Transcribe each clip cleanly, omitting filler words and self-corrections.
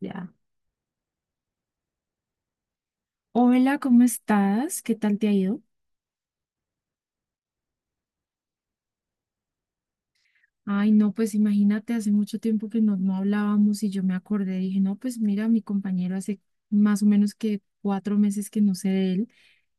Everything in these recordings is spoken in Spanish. Ya. Hola, ¿cómo estás? ¿Qué tal te ha ido? Ay, no, pues imagínate, hace mucho tiempo que no hablábamos y yo me acordé, dije, no, pues mira, mi compañero hace más o menos que 4 meses que no sé de él.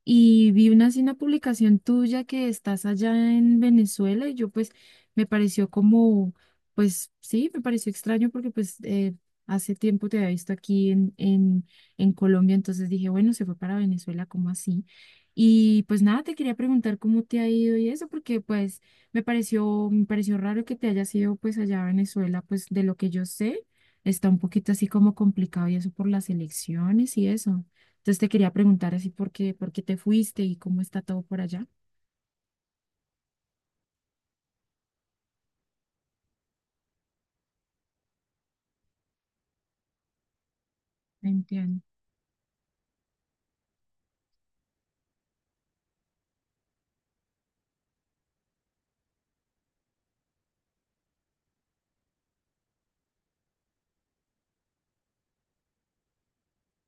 Y vi así una publicación tuya que estás allá en Venezuela y yo pues me pareció como, pues sí, me pareció extraño porque pues hace tiempo te había visto aquí en Colombia, entonces dije, bueno, se fue para Venezuela, ¿cómo así? Y pues nada, te quería preguntar cómo te ha ido y eso, porque pues me pareció raro que te hayas ido pues allá a Venezuela, pues de lo que yo sé, está un poquito así como complicado y eso por las elecciones y eso. Entonces te quería preguntar así por qué te fuiste y cómo está todo por allá. Entiendo.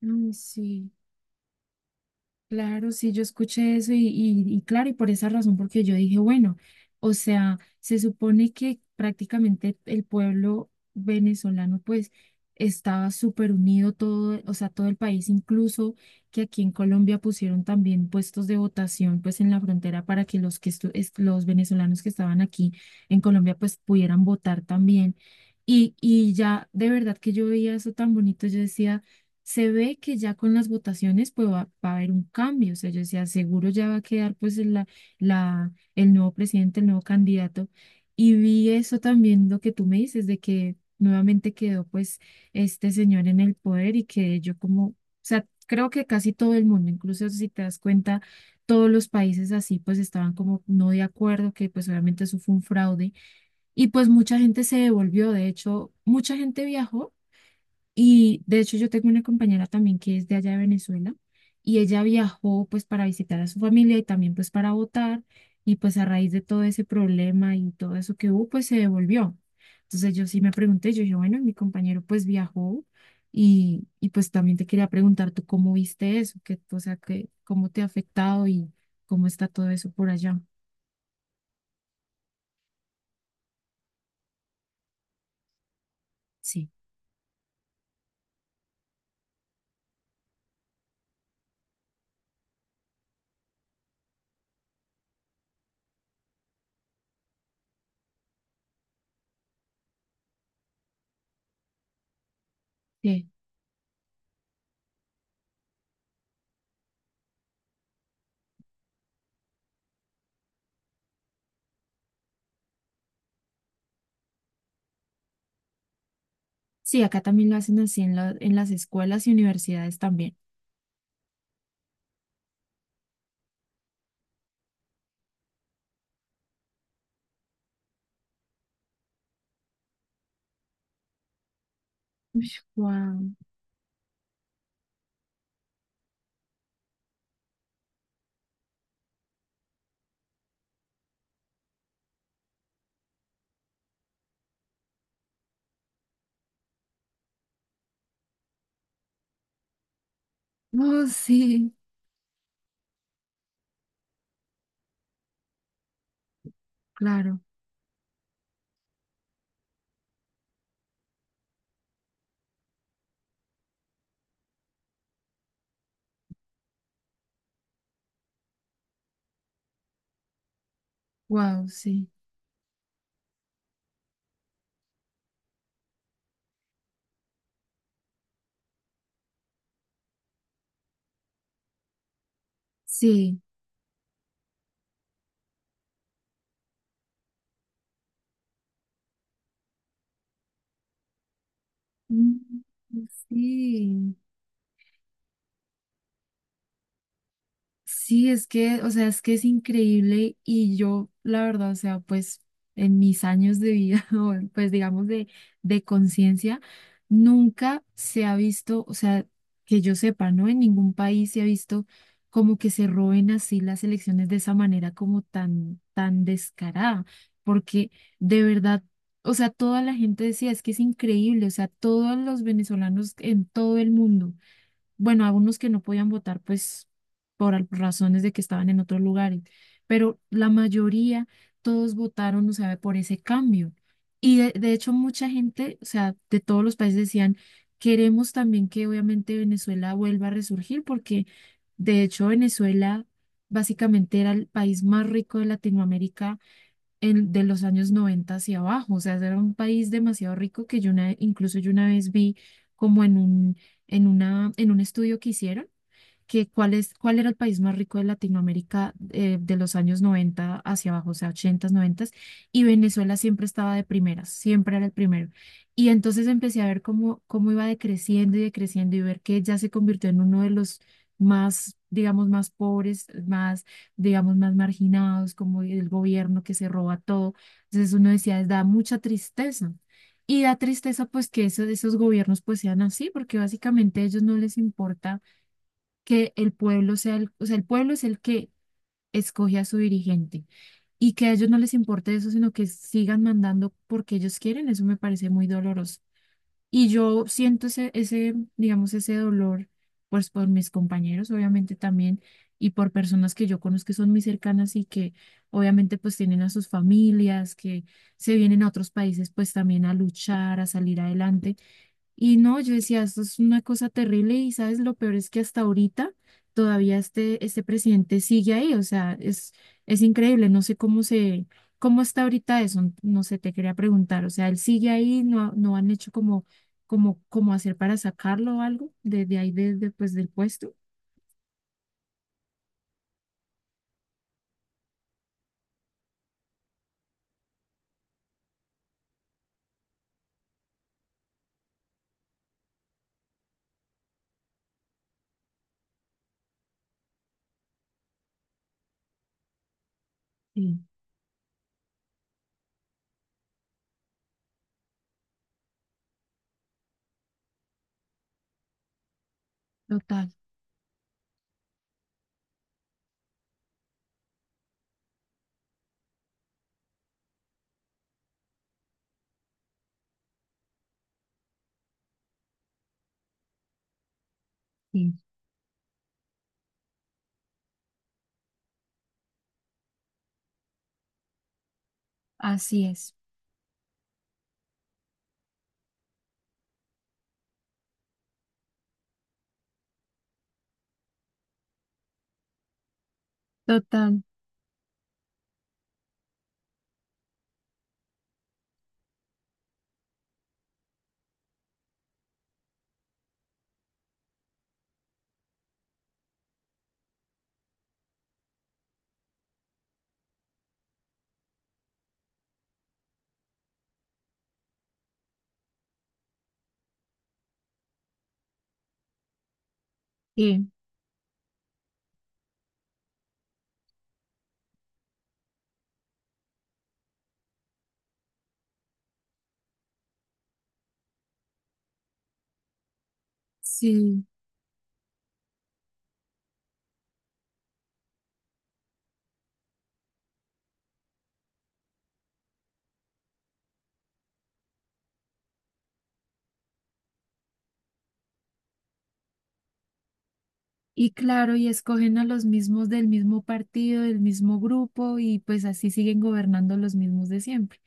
Ay, sí. Claro, sí, yo escuché eso y claro, y por esa razón, porque yo dije, bueno, o sea, se supone que prácticamente el pueblo venezolano pues estaba súper unido todo, o sea, todo el país, incluso que aquí en Colombia pusieron también puestos de votación pues en la frontera para que los que los venezolanos que estaban aquí en Colombia pues pudieran votar también. Y ya de verdad que yo veía eso tan bonito, yo decía se ve que ya con las votaciones pues va a haber un cambio, o sea, yo decía, seguro ya va a quedar pues el nuevo presidente, el nuevo candidato. Y vi eso también, lo que tú me dices, de que nuevamente quedó pues este señor en el poder y que o sea, creo que casi todo el mundo, incluso si te das cuenta, todos los países así pues estaban como no de acuerdo, que pues obviamente eso fue un fraude. Y pues mucha gente se devolvió, de hecho, mucha gente viajó y de hecho yo tengo una compañera también que es de allá de Venezuela y ella viajó pues para visitar a su familia y también pues para votar y pues a raíz de todo ese problema y todo eso que hubo pues se devolvió. Entonces yo sí me pregunté, yo dije, bueno, mi compañero pues viajó y pues también te quería preguntar tú cómo viste eso, o sea, cómo te ha afectado y cómo está todo eso por allá. Sí. Sí, sí, acá también lo hacen así en las escuelas y universidades también. Wow. Oh, sí. Claro. Wow. Sí, sí. Mm. Sí. Sí, es que, o sea, es que es increíble y yo, la verdad, o sea, pues en mis años de vida, o pues digamos de, conciencia, nunca se ha visto, o sea, que yo sepa, ¿no? En ningún país se ha visto como que se roben así las elecciones de esa manera como tan, tan descarada, porque de verdad, o sea, toda la gente decía, es que es increíble, o sea, todos los venezolanos en todo el mundo bueno, algunos que no podían votar, pues razones de que estaban en otros lugares, pero la mayoría, todos votaron, o sea, por ese cambio. Y de hecho, mucha gente, o sea, de todos los países decían, queremos también que obviamente Venezuela vuelva a resurgir, porque de hecho Venezuela básicamente era el país más rico de Latinoamérica de los años 90 hacia abajo. O sea, era un país demasiado rico que incluso yo una vez vi como en un estudio que hicieron que cuál era el país más rico de Latinoamérica de los años 90 hacia abajo, o sea, 80, 90, y Venezuela siempre estaba de primeras, siempre era el primero. Y entonces empecé a ver cómo iba decreciendo y decreciendo y ver que ya se convirtió en uno de los más, digamos, más pobres, más, digamos, más marginados, como el gobierno que se roba todo. Entonces uno decía, da mucha tristeza. Y da tristeza pues que esos gobiernos pues sean así, porque básicamente a ellos no les importa que el pueblo sea, o sea, el pueblo es el que escoge a su dirigente y que a ellos no les importe eso, sino que sigan mandando porque ellos quieren, eso me parece muy doloroso. Y yo siento ese, digamos, ese dolor, pues por mis compañeros, obviamente también, y por personas que yo conozco que son muy cercanas y que obviamente pues tienen a sus familias, que se vienen a otros países pues también a luchar, a salir adelante. Y no, yo decía, esto es una cosa terrible y sabes, lo peor es que hasta ahorita todavía este presidente sigue ahí, o sea, es increíble, no sé cómo está ahorita eso, no sé, te quería preguntar, o sea, él sigue ahí, no han hecho como, hacer para sacarlo o algo desde ahí, desde pues, del puesto. Sí, total. Sí. Así es, total, sí, sí. Y claro, y escogen a los mismos del mismo partido, del mismo grupo, y pues así siguen gobernando los mismos de siempre.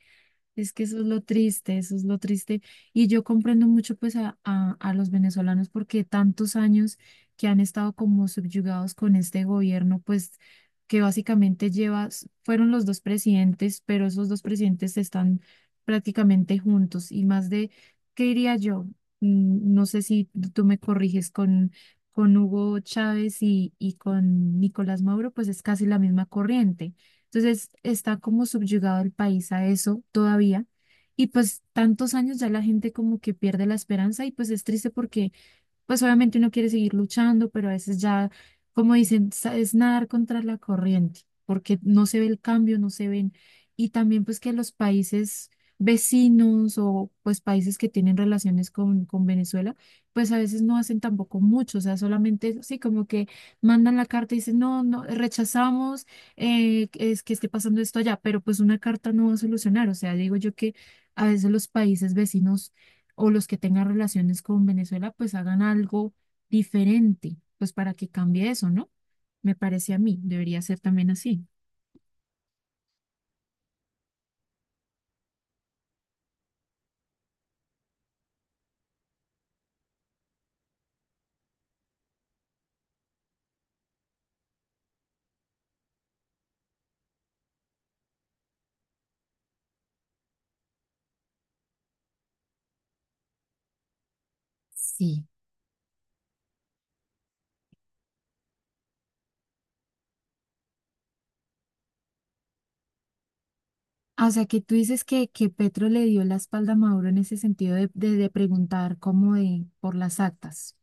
Es que eso es lo triste, eso es lo triste. Y yo comprendo mucho pues a los venezolanos porque tantos años que han estado como subyugados con este gobierno, pues que básicamente fueron los dos presidentes, pero esos dos presidentes están prácticamente juntos y más de, ¿qué diría yo? No sé si tú me corriges con Hugo Chávez y con Nicolás Maduro, pues es casi la misma corriente. Entonces está como subyugado el país a eso todavía. Y pues tantos años ya la gente como que pierde la esperanza y pues es triste porque pues obviamente uno quiere seguir luchando, pero a veces ya, como dicen, es nadar contra la corriente, porque no se ve el cambio, no se ven. Y también pues que los países vecinos o pues países que tienen relaciones con Venezuela, pues a veces no hacen tampoco mucho, o sea, solamente sí, como que mandan la carta y dicen, no, no, rechazamos es que esté pasando esto allá, pero pues una carta no va a solucionar, o sea, digo yo que a veces los países vecinos o los que tengan relaciones con Venezuela, pues hagan algo diferente, pues para que cambie eso, ¿no? Me parece a mí, debería ser también así. Sí. Ah, o sea, que tú dices que, Petro le dio la espalda a Maduro en ese sentido de preguntar como de por las actas.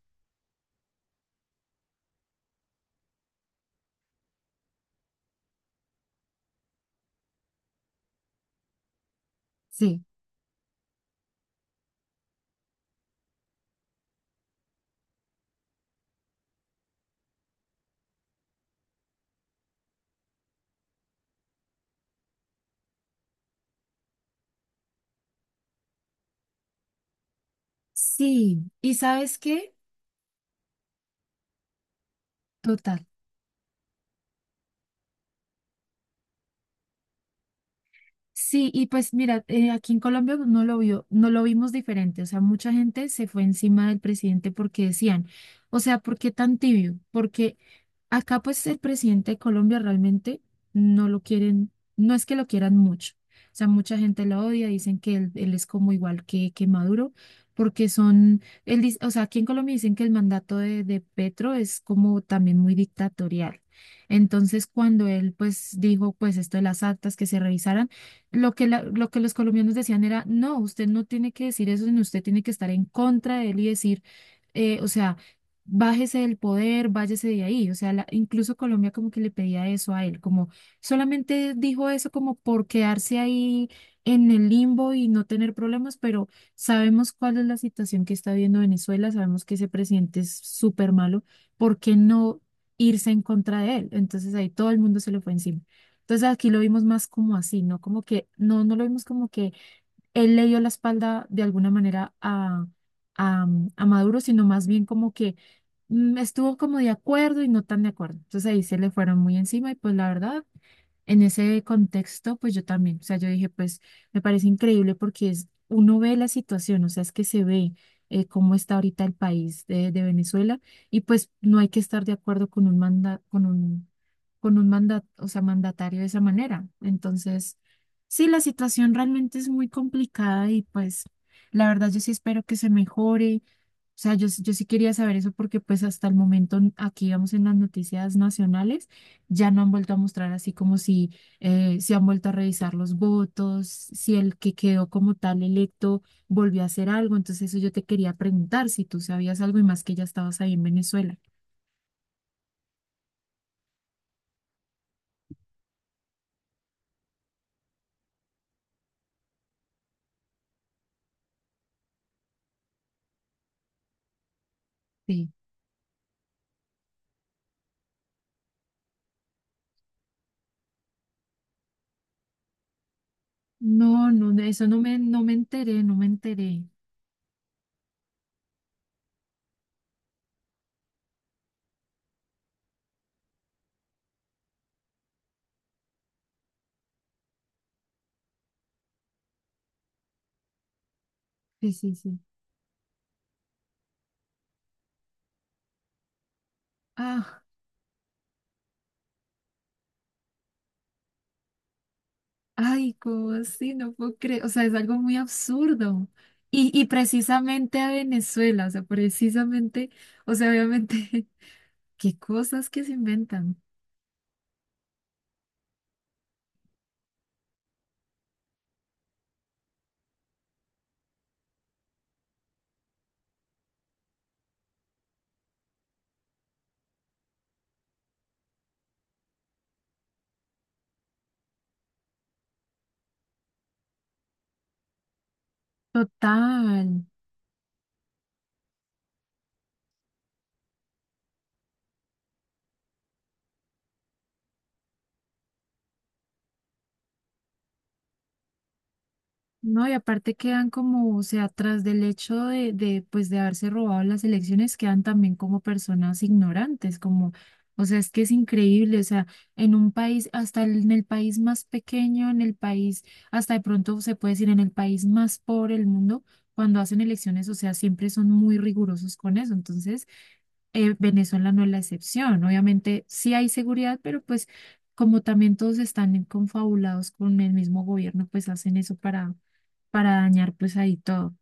Sí. Sí, ¿y sabes qué? Total. Sí, y pues mira, aquí en Colombia no lo vimos diferente, o sea, mucha gente se fue encima del presidente porque decían, o sea, ¿por qué tan tibio? Porque acá pues el presidente de Colombia realmente no lo quieren, no es que lo quieran mucho. O sea, mucha gente lo odia, dicen que él es como igual que, Maduro, porque él dice, o sea, aquí en Colombia dicen que el mandato de Petro es como también muy dictatorial. Entonces, cuando él pues dijo pues esto de las actas que se revisaran, lo que los colombianos decían era, no, usted no tiene que decir eso, sino usted tiene que estar en contra de él y decir o sea, bájese del poder, váyase de ahí. O sea, incluso Colombia como que le pedía eso a él, como solamente dijo eso como por quedarse ahí en el limbo y no tener problemas, pero sabemos cuál es la situación que está viendo Venezuela, sabemos que ese presidente es súper malo, ¿por qué no irse en contra de él? Entonces ahí todo el mundo se le fue encima. Entonces aquí lo vimos más como así, ¿no? Como que, no, no lo vimos como que él le dio la espalda de alguna manera a, a Maduro, sino más bien como que estuvo como de acuerdo y no tan de acuerdo. Entonces ahí se le fueron muy encima y pues la verdad en ese contexto, pues yo también, o sea, yo dije, pues me parece increíble porque uno ve la situación, o sea, es que se ve cómo está ahorita el país de, Venezuela y pues no hay que estar de acuerdo con un manda, o sea, mandatario de esa manera. Entonces, sí, la situación realmente es muy complicada y pues la verdad yo sí espero que se mejore. O sea, yo sí quería saber eso porque pues hasta el momento aquí vamos en las noticias nacionales ya no han vuelto a mostrar así como si se han vuelto a revisar los votos, si el que quedó como tal electo volvió a hacer algo. Entonces eso yo te quería preguntar si tú sabías algo y más que ya estabas ahí en Venezuela. Sí. No, no, no, eso no me enteré, no me enteré. Sí, sí, sí. Ah, ay, ¿cómo así? No puedo creer. O sea, es algo muy absurdo. Y precisamente a Venezuela, o sea, precisamente, o sea, obviamente, qué cosas que se inventan. Total. No, y aparte quedan como, o sea, tras del hecho de haberse robado las elecciones, quedan también como personas ignorantes, como, o sea, es que es increíble, o sea, en un país, hasta en el país más pequeño, en el país, hasta de pronto se puede decir en el país más pobre del mundo, cuando hacen elecciones, o sea, siempre son muy rigurosos con eso, entonces, Venezuela no es la excepción, obviamente sí hay seguridad, pero pues, como también todos están confabulados con el mismo gobierno, pues hacen eso para dañar pues ahí todo.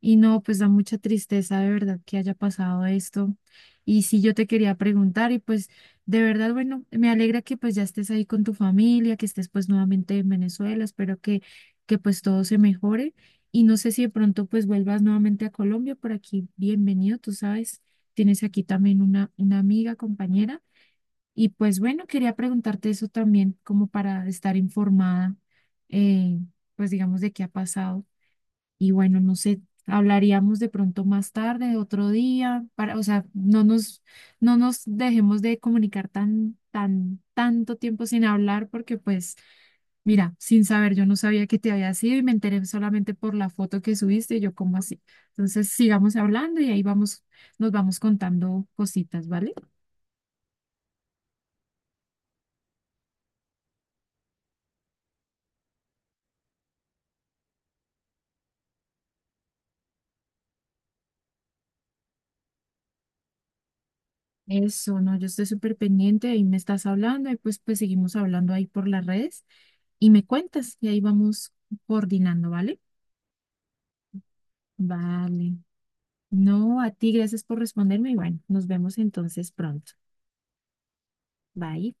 Y no, pues da mucha tristeza de verdad que haya pasado esto. Y sí, yo te quería preguntar y pues de verdad, bueno, me alegra que pues ya estés ahí con tu familia, que estés pues nuevamente en Venezuela, espero que pues todo se mejore. Y no sé si de pronto pues vuelvas nuevamente a Colombia, por aquí, bienvenido, tú sabes, tienes aquí también una amiga, compañera. Y pues bueno, quería preguntarte eso también, como para estar informada, eh, pues digamos, de qué ha pasado. Y bueno, no sé, hablaríamos de pronto más tarde, otro día, para, o sea, no nos dejemos de comunicar tanto tiempo sin hablar, porque pues, mira, sin saber, yo no sabía que te había sido y me enteré solamente por la foto que subiste, y yo como así. Entonces, sigamos hablando y ahí vamos, nos vamos contando cositas, ¿vale? Eso, no, yo estoy súper pendiente, ahí me estás hablando, y pues, seguimos hablando ahí por las redes y me cuentas, y ahí vamos coordinando, ¿vale? Vale. No, a ti, gracias por responderme y bueno, nos vemos entonces pronto. Bye.